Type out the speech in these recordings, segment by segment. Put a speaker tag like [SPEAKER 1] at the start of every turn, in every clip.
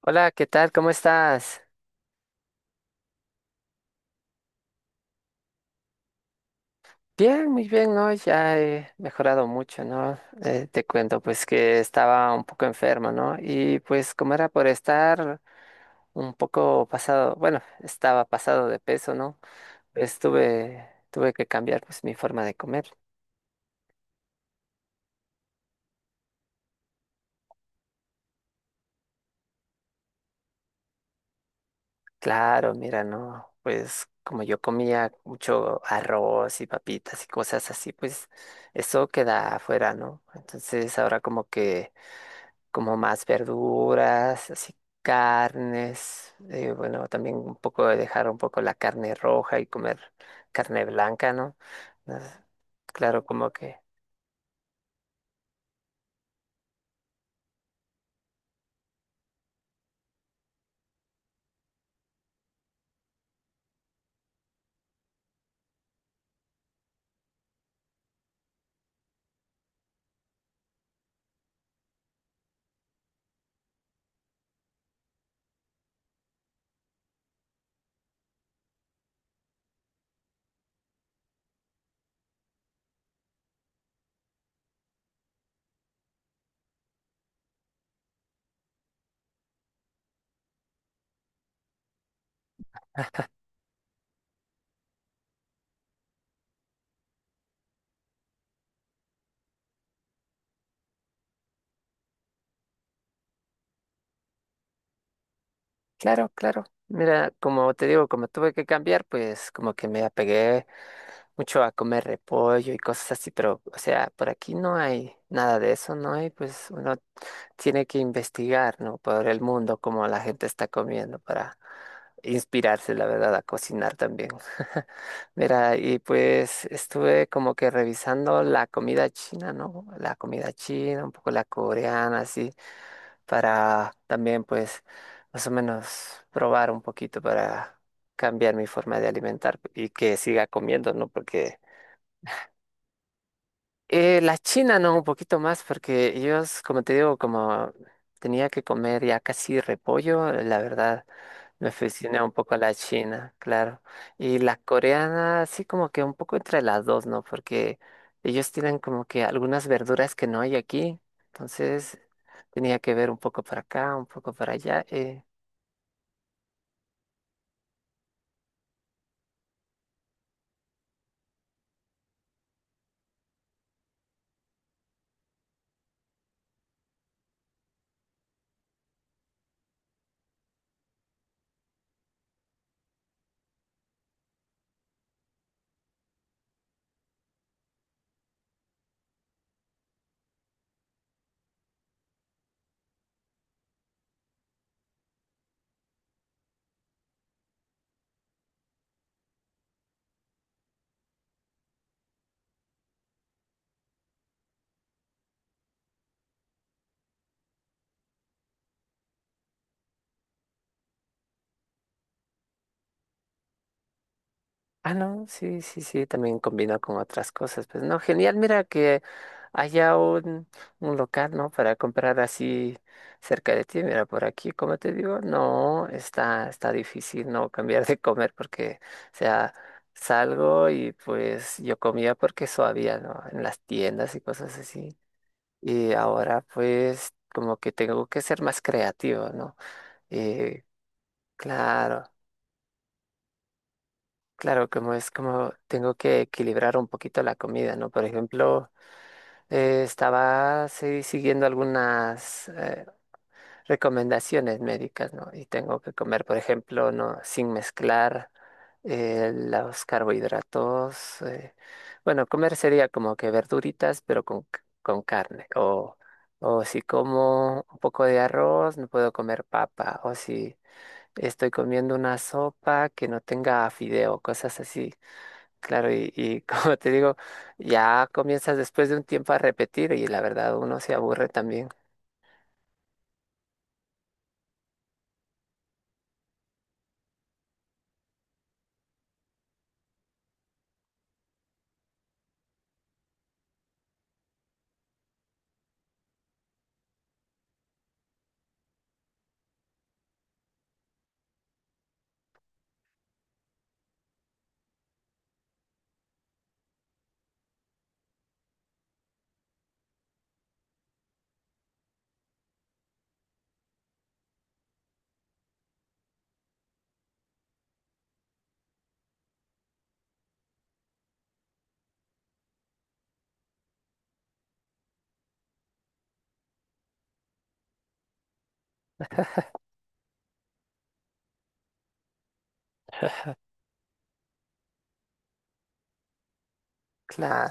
[SPEAKER 1] Hola, ¿qué tal? ¿Cómo estás? Bien, muy bien, ¿no? Ya he mejorado mucho, ¿no? Te cuento, pues que estaba un poco enfermo, ¿no? Y pues como era por estar un poco pasado, bueno, estaba pasado de peso, ¿no? Pues tuve que cambiar pues mi forma de comer. Claro, mira, ¿no? Pues como yo comía mucho arroz y papitas y cosas así, pues eso queda afuera, ¿no? Entonces ahora como que como más verduras, así carnes, bueno, también un poco de dejar un poco la carne roja y comer carne blanca, ¿no? No, claro, como que, claro, claro. Mira, como te digo, como tuve que cambiar, pues como que me apegué mucho a comer repollo y cosas así, pero, o sea, por aquí no hay nada de eso, ¿no? Hay, pues uno tiene que investigar, ¿no? Por el mundo, cómo la gente está comiendo para inspirarse, la verdad, a cocinar también. Mira, y pues estuve como que revisando la comida china, ¿no? La comida china, un poco la coreana, así, para también, pues, más o menos probar un poquito para cambiar mi forma de alimentar y que siga comiendo, ¿no? Porque la China no, un poquito más, porque ellos, como te digo, como tenía que comer ya casi repollo, la verdad me aficioné un poco a la China, claro. Y la coreana, sí, como que un poco entre las dos, ¿no? Porque ellos tienen como que algunas verduras que no hay aquí, entonces tenía que ver un poco para acá, un poco para allá. Ah, no, sí, sí, sí, también combinó con otras cosas. Pues no, genial, mira que haya un local, ¿no? Para comprar así cerca de ti. Mira, por aquí, como te digo, no, está difícil, ¿no? Cambiar de comer porque, o sea, salgo y pues yo comía porque eso había, ¿no? En las tiendas y cosas así. Y ahora pues como que tengo que ser más creativo, ¿no? Y claro. Claro, como es, como tengo que equilibrar un poquito la comida, ¿no? Por ejemplo, estaba sí, siguiendo algunas recomendaciones médicas, ¿no? Y tengo que comer, por ejemplo, ¿no? Sin mezclar los carbohidratos. Bueno, comer sería como que verduritas, pero con, con carne. O si como un poco de arroz, no puedo comer papa. O si estoy comiendo una sopa que no tenga fideo, cosas así. Claro, y como te digo, ya comienzas después de un tiempo a repetir y la verdad uno se aburre también. Claro,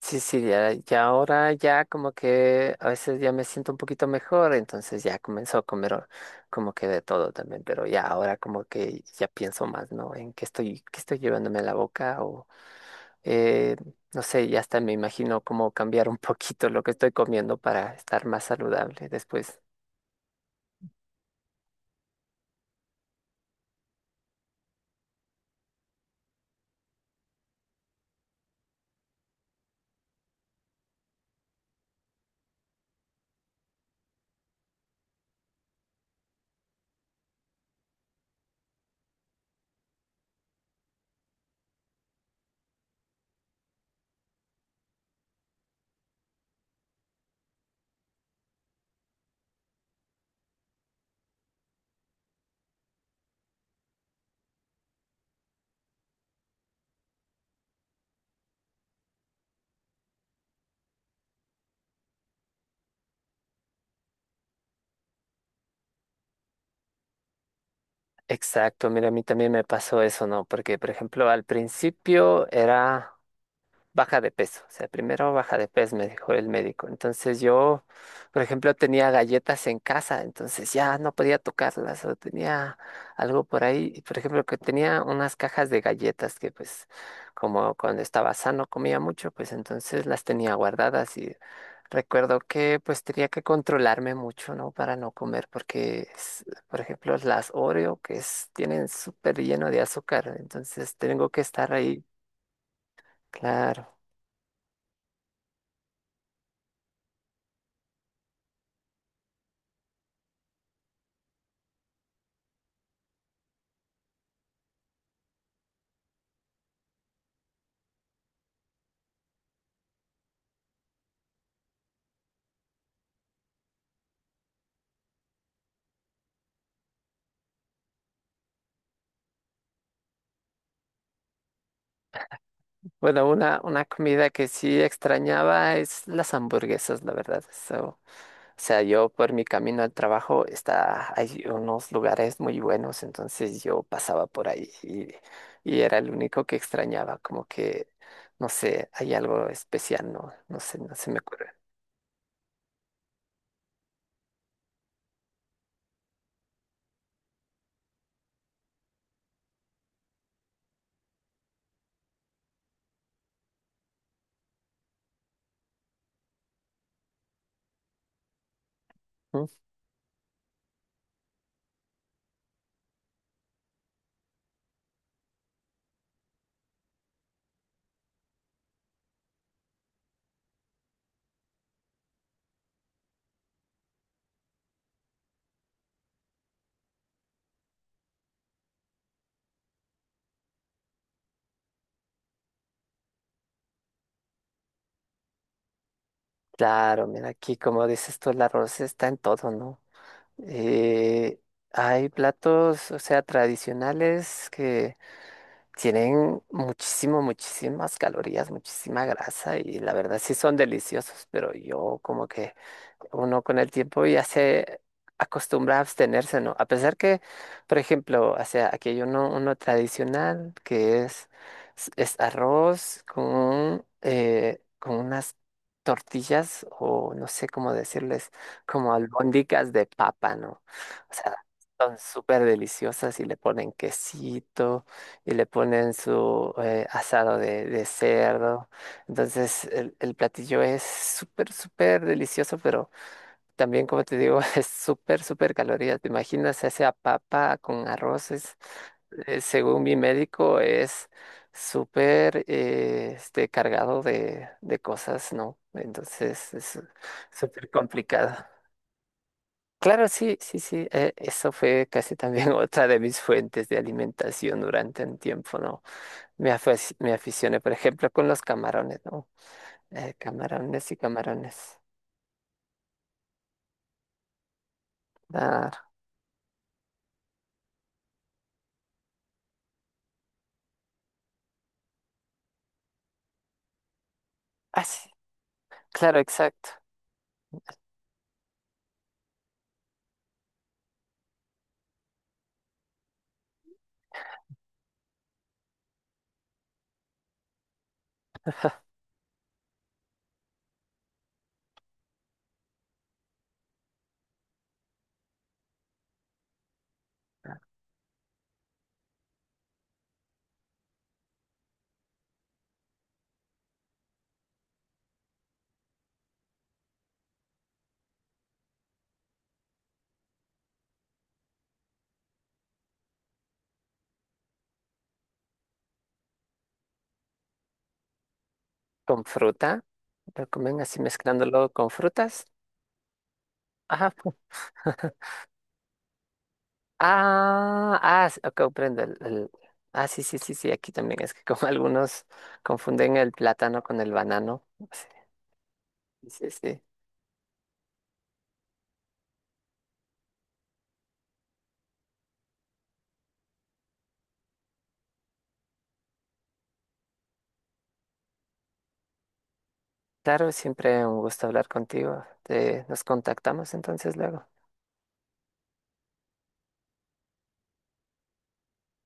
[SPEAKER 1] sí, sí, ya, ya ahora ya como que a veces ya me siento un poquito mejor, entonces ya comenzó a comer como que de todo también, pero ya ahora como que ya pienso más, ¿no? En qué estoy llevándome a la boca o eh, no sé, ya hasta me imagino cómo cambiar un poquito lo que estoy comiendo para estar más saludable después. Exacto, mira, a mí también me pasó eso, ¿no? Porque, por ejemplo, al principio era baja de peso, o sea, primero baja de peso, me dijo el médico. Entonces yo, por ejemplo, tenía galletas en casa, entonces ya no podía tocarlas o tenía algo por ahí, y, por ejemplo, que tenía unas cajas de galletas que pues como cuando estaba sano comía mucho, pues entonces las tenía guardadas y recuerdo que pues tenía que controlarme mucho, ¿no? Para no comer porque, por ejemplo, las Oreo que tienen súper lleno de azúcar, entonces tengo que estar ahí. Claro. Bueno, una comida que sí extrañaba es las hamburguesas, la verdad. So, o sea, yo por mi camino al trabajo está, hay unos lugares muy buenos, entonces yo pasaba por ahí y era el único que extrañaba, como que, no sé, hay algo especial, no, no sé, no se me ocurre. ¿Mm? Claro, mira, aquí como dices tú, el arroz está en todo, ¿no? Eh, Hay platos, o sea, tradicionales que tienen muchísimo, muchísimas calorías, muchísima grasa y la verdad sí son deliciosos, pero yo como que uno con el tiempo ya se acostumbra a abstenerse, ¿no? A pesar que, por ejemplo, o sea, aquí hay uno, uno tradicional que es, es arroz con unas tortillas o no sé cómo decirles, como albóndigas de papa, ¿no? O sea, son súper deliciosas y le ponen quesito y le ponen su asado de cerdo. Entonces, el platillo es súper, súper delicioso, pero también, como te digo, es súper, súper calorías. ¿Te imaginas esa papa con arroces? Según mi médico, es súper este, cargado de cosas, ¿no? Entonces, es súper complicado. Claro, sí, sí, sí. Eso fue casi también otra de mis fuentes de alimentación durante un tiempo, ¿no? Me, me aficioné, por ejemplo, con los camarones, ¿no? Camarones y camarones. Claro. Ah, sí, claro, exacto. Con fruta. Lo comen así mezclándolo con frutas. Ajá. pu- Ah, ah, ok, comprendo. Ah, sí, sí, sí, sí, aquí también es que como algunos confunden el plátano con el banano. Sí, sí, sí. Claro, siempre un gusto hablar contigo. Te, nos contactamos entonces luego.